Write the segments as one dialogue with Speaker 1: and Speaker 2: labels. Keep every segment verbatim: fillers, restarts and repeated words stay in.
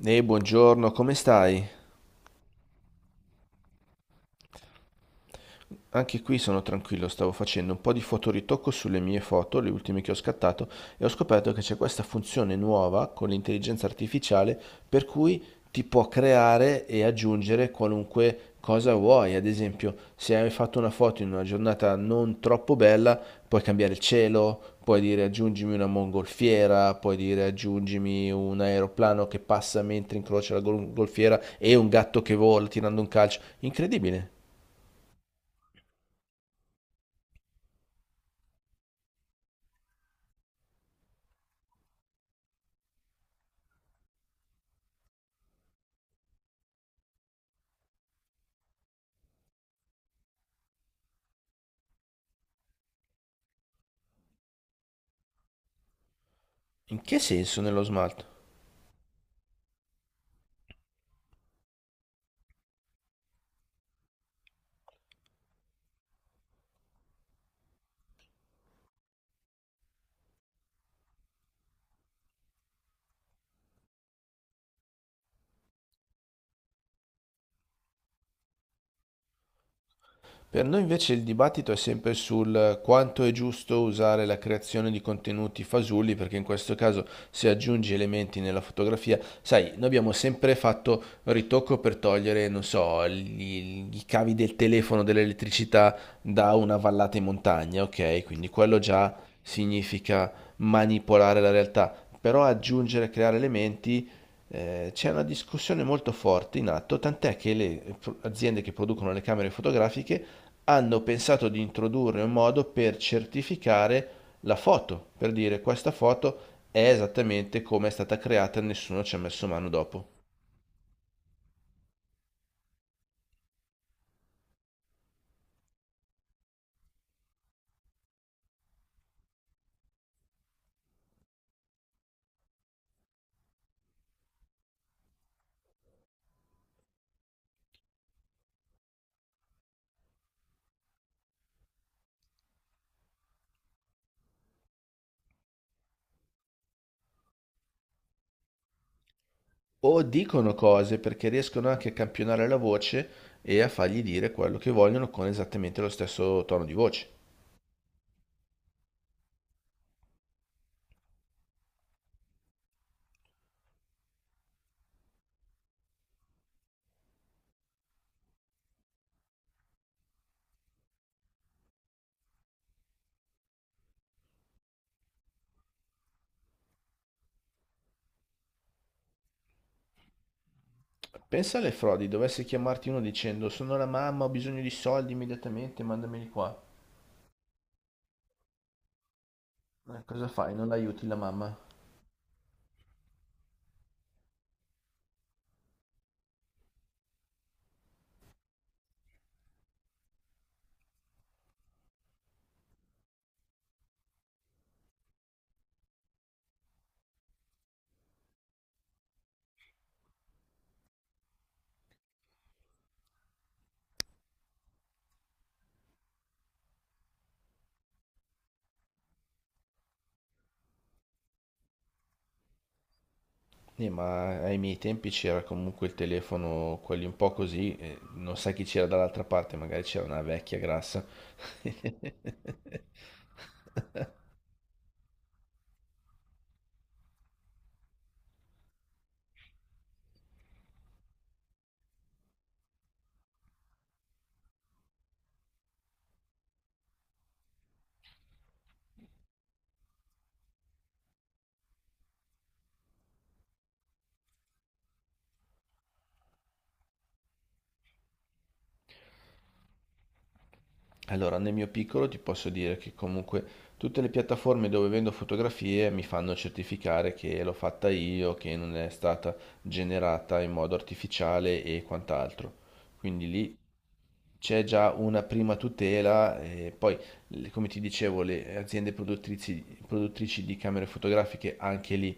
Speaker 1: Ehi, buongiorno, come stai? Anche qui sono tranquillo, stavo facendo un po' di fotoritocco sulle mie foto, le ultime che ho scattato, e ho scoperto che c'è questa funzione nuova con l'intelligenza artificiale per cui ti può creare e aggiungere qualunque cosa vuoi. Ad esempio, se hai fatto una foto in una giornata non troppo bella, puoi cambiare il cielo, puoi dire aggiungimi una mongolfiera, puoi dire aggiungimi un aeroplano che passa mentre incrocia la gol- golfiera e un gatto che vola tirando un calcio. Incredibile. In che senso nello smalto? Per noi invece il dibattito è sempre sul quanto è giusto usare la creazione di contenuti fasulli, perché in questo caso se aggiungi elementi nella fotografia, sai, noi abbiamo sempre fatto ritocco per togliere, non so, gli- i cavi del telefono, dell'elettricità da una vallata in montagna, ok? Quindi quello già significa manipolare la realtà, però aggiungere, creare elementi. Eh, c'è una discussione molto forte in atto, tant'è che le pro- aziende che producono le camere fotografiche hanno pensato di introdurre un modo per certificare la foto, per dire questa foto è esattamente come è stata creata, nessuno ci ha messo mano dopo. O dicono cose perché riescono anche a campionare la voce e a fargli dire quello che vogliono con esattamente lo stesso tono di voce. Pensa alle frodi, dovesse chiamarti uno dicendo sono la mamma, ho bisogno di soldi immediatamente, mandameli qua. Eh, cosa fai? Non aiuti la mamma? Eh, ma ai miei tempi c'era comunque il telefono, quelli un po' così, eh, non sai chi c'era dall'altra parte, magari c'era una vecchia grassa. Allora, nel mio piccolo ti posso dire che comunque tutte le piattaforme dove vendo fotografie mi fanno certificare che l'ho fatta io, che non è stata generata in modo artificiale e quant'altro. Quindi lì c'è già una prima tutela e poi, l- come ti dicevo, le aziende produttrici, produttrici di camere fotografiche anche lì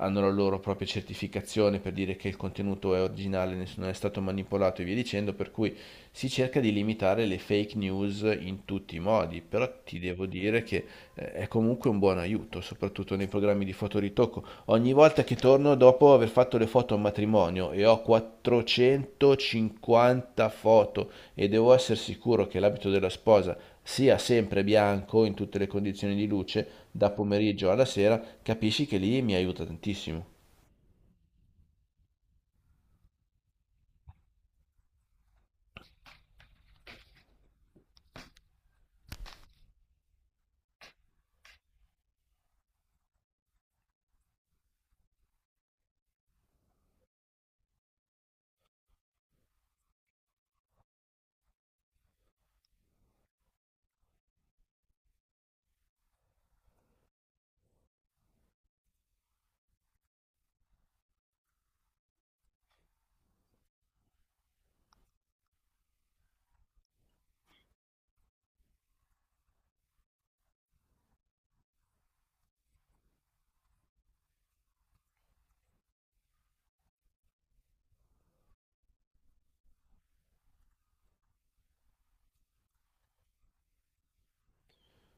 Speaker 1: hanno la loro propria certificazione per dire che il contenuto è originale, nessuno è stato manipolato e via dicendo, per cui si cerca di limitare le fake news in tutti i modi, però ti devo dire che eh, è comunque un buon aiuto, soprattutto nei programmi di fotoritocco. Ogni volta che torno dopo aver fatto le foto a un matrimonio e ho quattrocentocinquanta foto e devo essere sicuro che l'abito della sposa sia sempre bianco in tutte le condizioni di luce, da pomeriggio alla sera, capisci che lì mi aiuta tantissimo.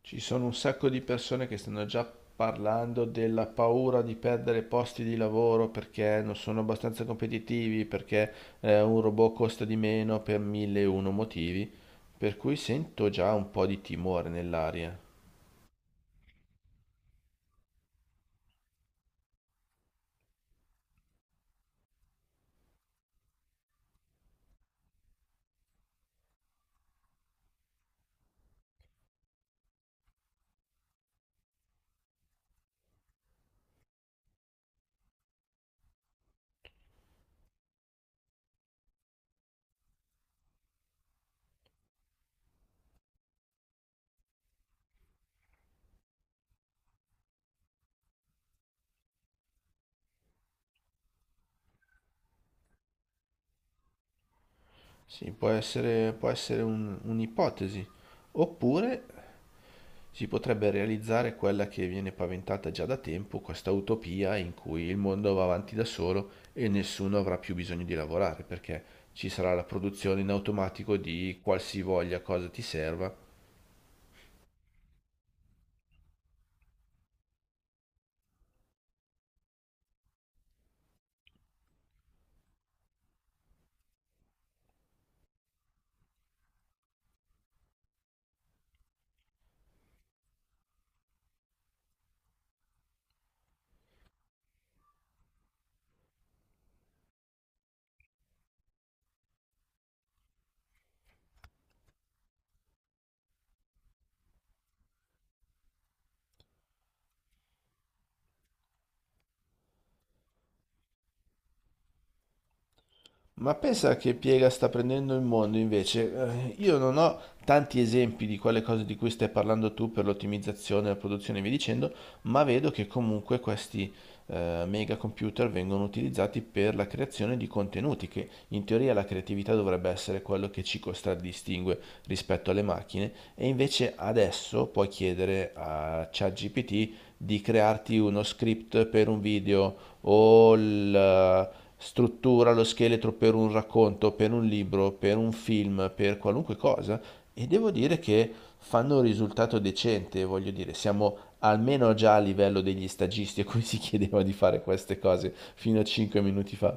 Speaker 1: Ci sono un sacco di persone che stanno già parlando della paura di perdere posti di lavoro perché non sono abbastanza competitivi, perché eh, un robot costa di meno per mille e uno motivi, per cui sento già un po' di timore nell'aria. Sì, può essere, può essere un- un'ipotesi. Oppure si potrebbe realizzare quella che viene paventata già da tempo, questa utopia in cui il mondo va avanti da solo e nessuno avrà più bisogno di lavorare, perché ci sarà la produzione in automatico di qualsivoglia cosa ti serva. Ma pensa che piega sta prendendo il mondo invece. Eh, Io non ho tanti esempi di quelle cose di cui stai parlando tu per l'ottimizzazione, la produzione e via dicendo, ma vedo che comunque questi eh, mega computer vengono utilizzati per la creazione di contenuti, che in teoria la creatività dovrebbe essere quello che ci contraddistingue rispetto alle macchine, e invece adesso puoi chiedere a ChatGPT di crearti uno script per un video o la struttura, lo scheletro per un racconto, per un libro, per un film, per qualunque cosa, e devo dire che fanno un risultato decente, voglio dire, siamo almeno già a livello degli stagisti a cui si chiedeva di fare queste cose fino a cinque minuti fa.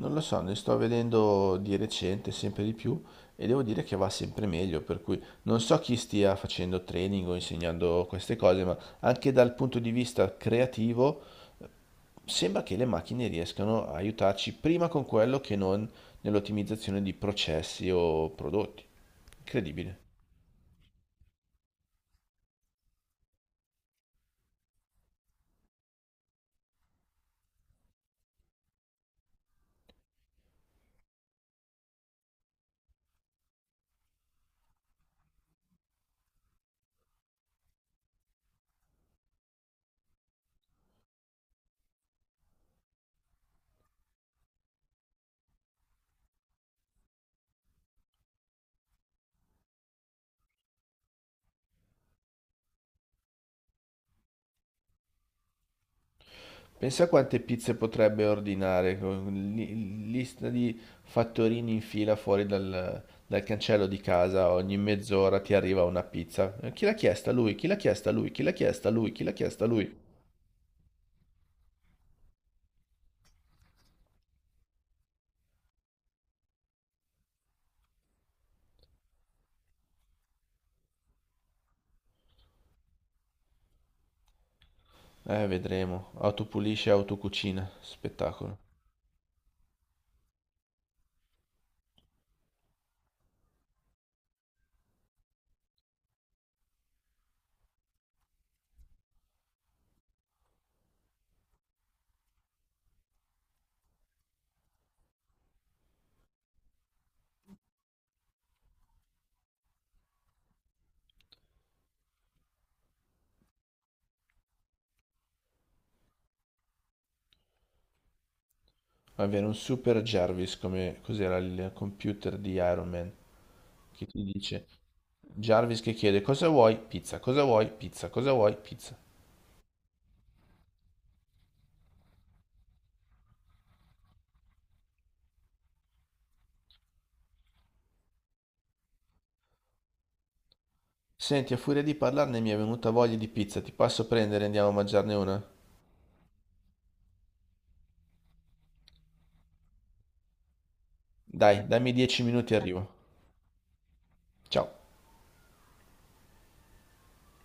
Speaker 1: Non lo so, ne sto vedendo di recente sempre di più e devo dire che va sempre meglio, per cui non so chi stia facendo training o insegnando queste cose, ma anche dal punto di vista creativo eh, sembra che le macchine riescano a aiutarci prima con quello che non nell'ottimizzazione di processi o prodotti. Incredibile. Pensa quante pizze potrebbe ordinare, con li- lista di fattorini in fila fuori dal, dal cancello di casa, ogni mezz'ora ti arriva una pizza. Eh, Chi l'ha chiesta? Lui. Chi l'ha chiesta? Lui. Chi l'ha chiesta? Lui. Chi l'ha chiesta? Lui. Eh, vedremo. Autopulisce, autocucina. Spettacolo. Avere un super Jarvis, come cos'era il computer di Iron Man, che ti dice. Jarvis che chiede: cosa vuoi? Pizza. Cosa vuoi? Pizza. Cosa vuoi? Pizza. Senti, a furia di parlarne mi è venuta voglia di pizza. Ti passo a prendere e andiamo a mangiarne una? Dai, dammi dieci minuti e arrivo. Ciao.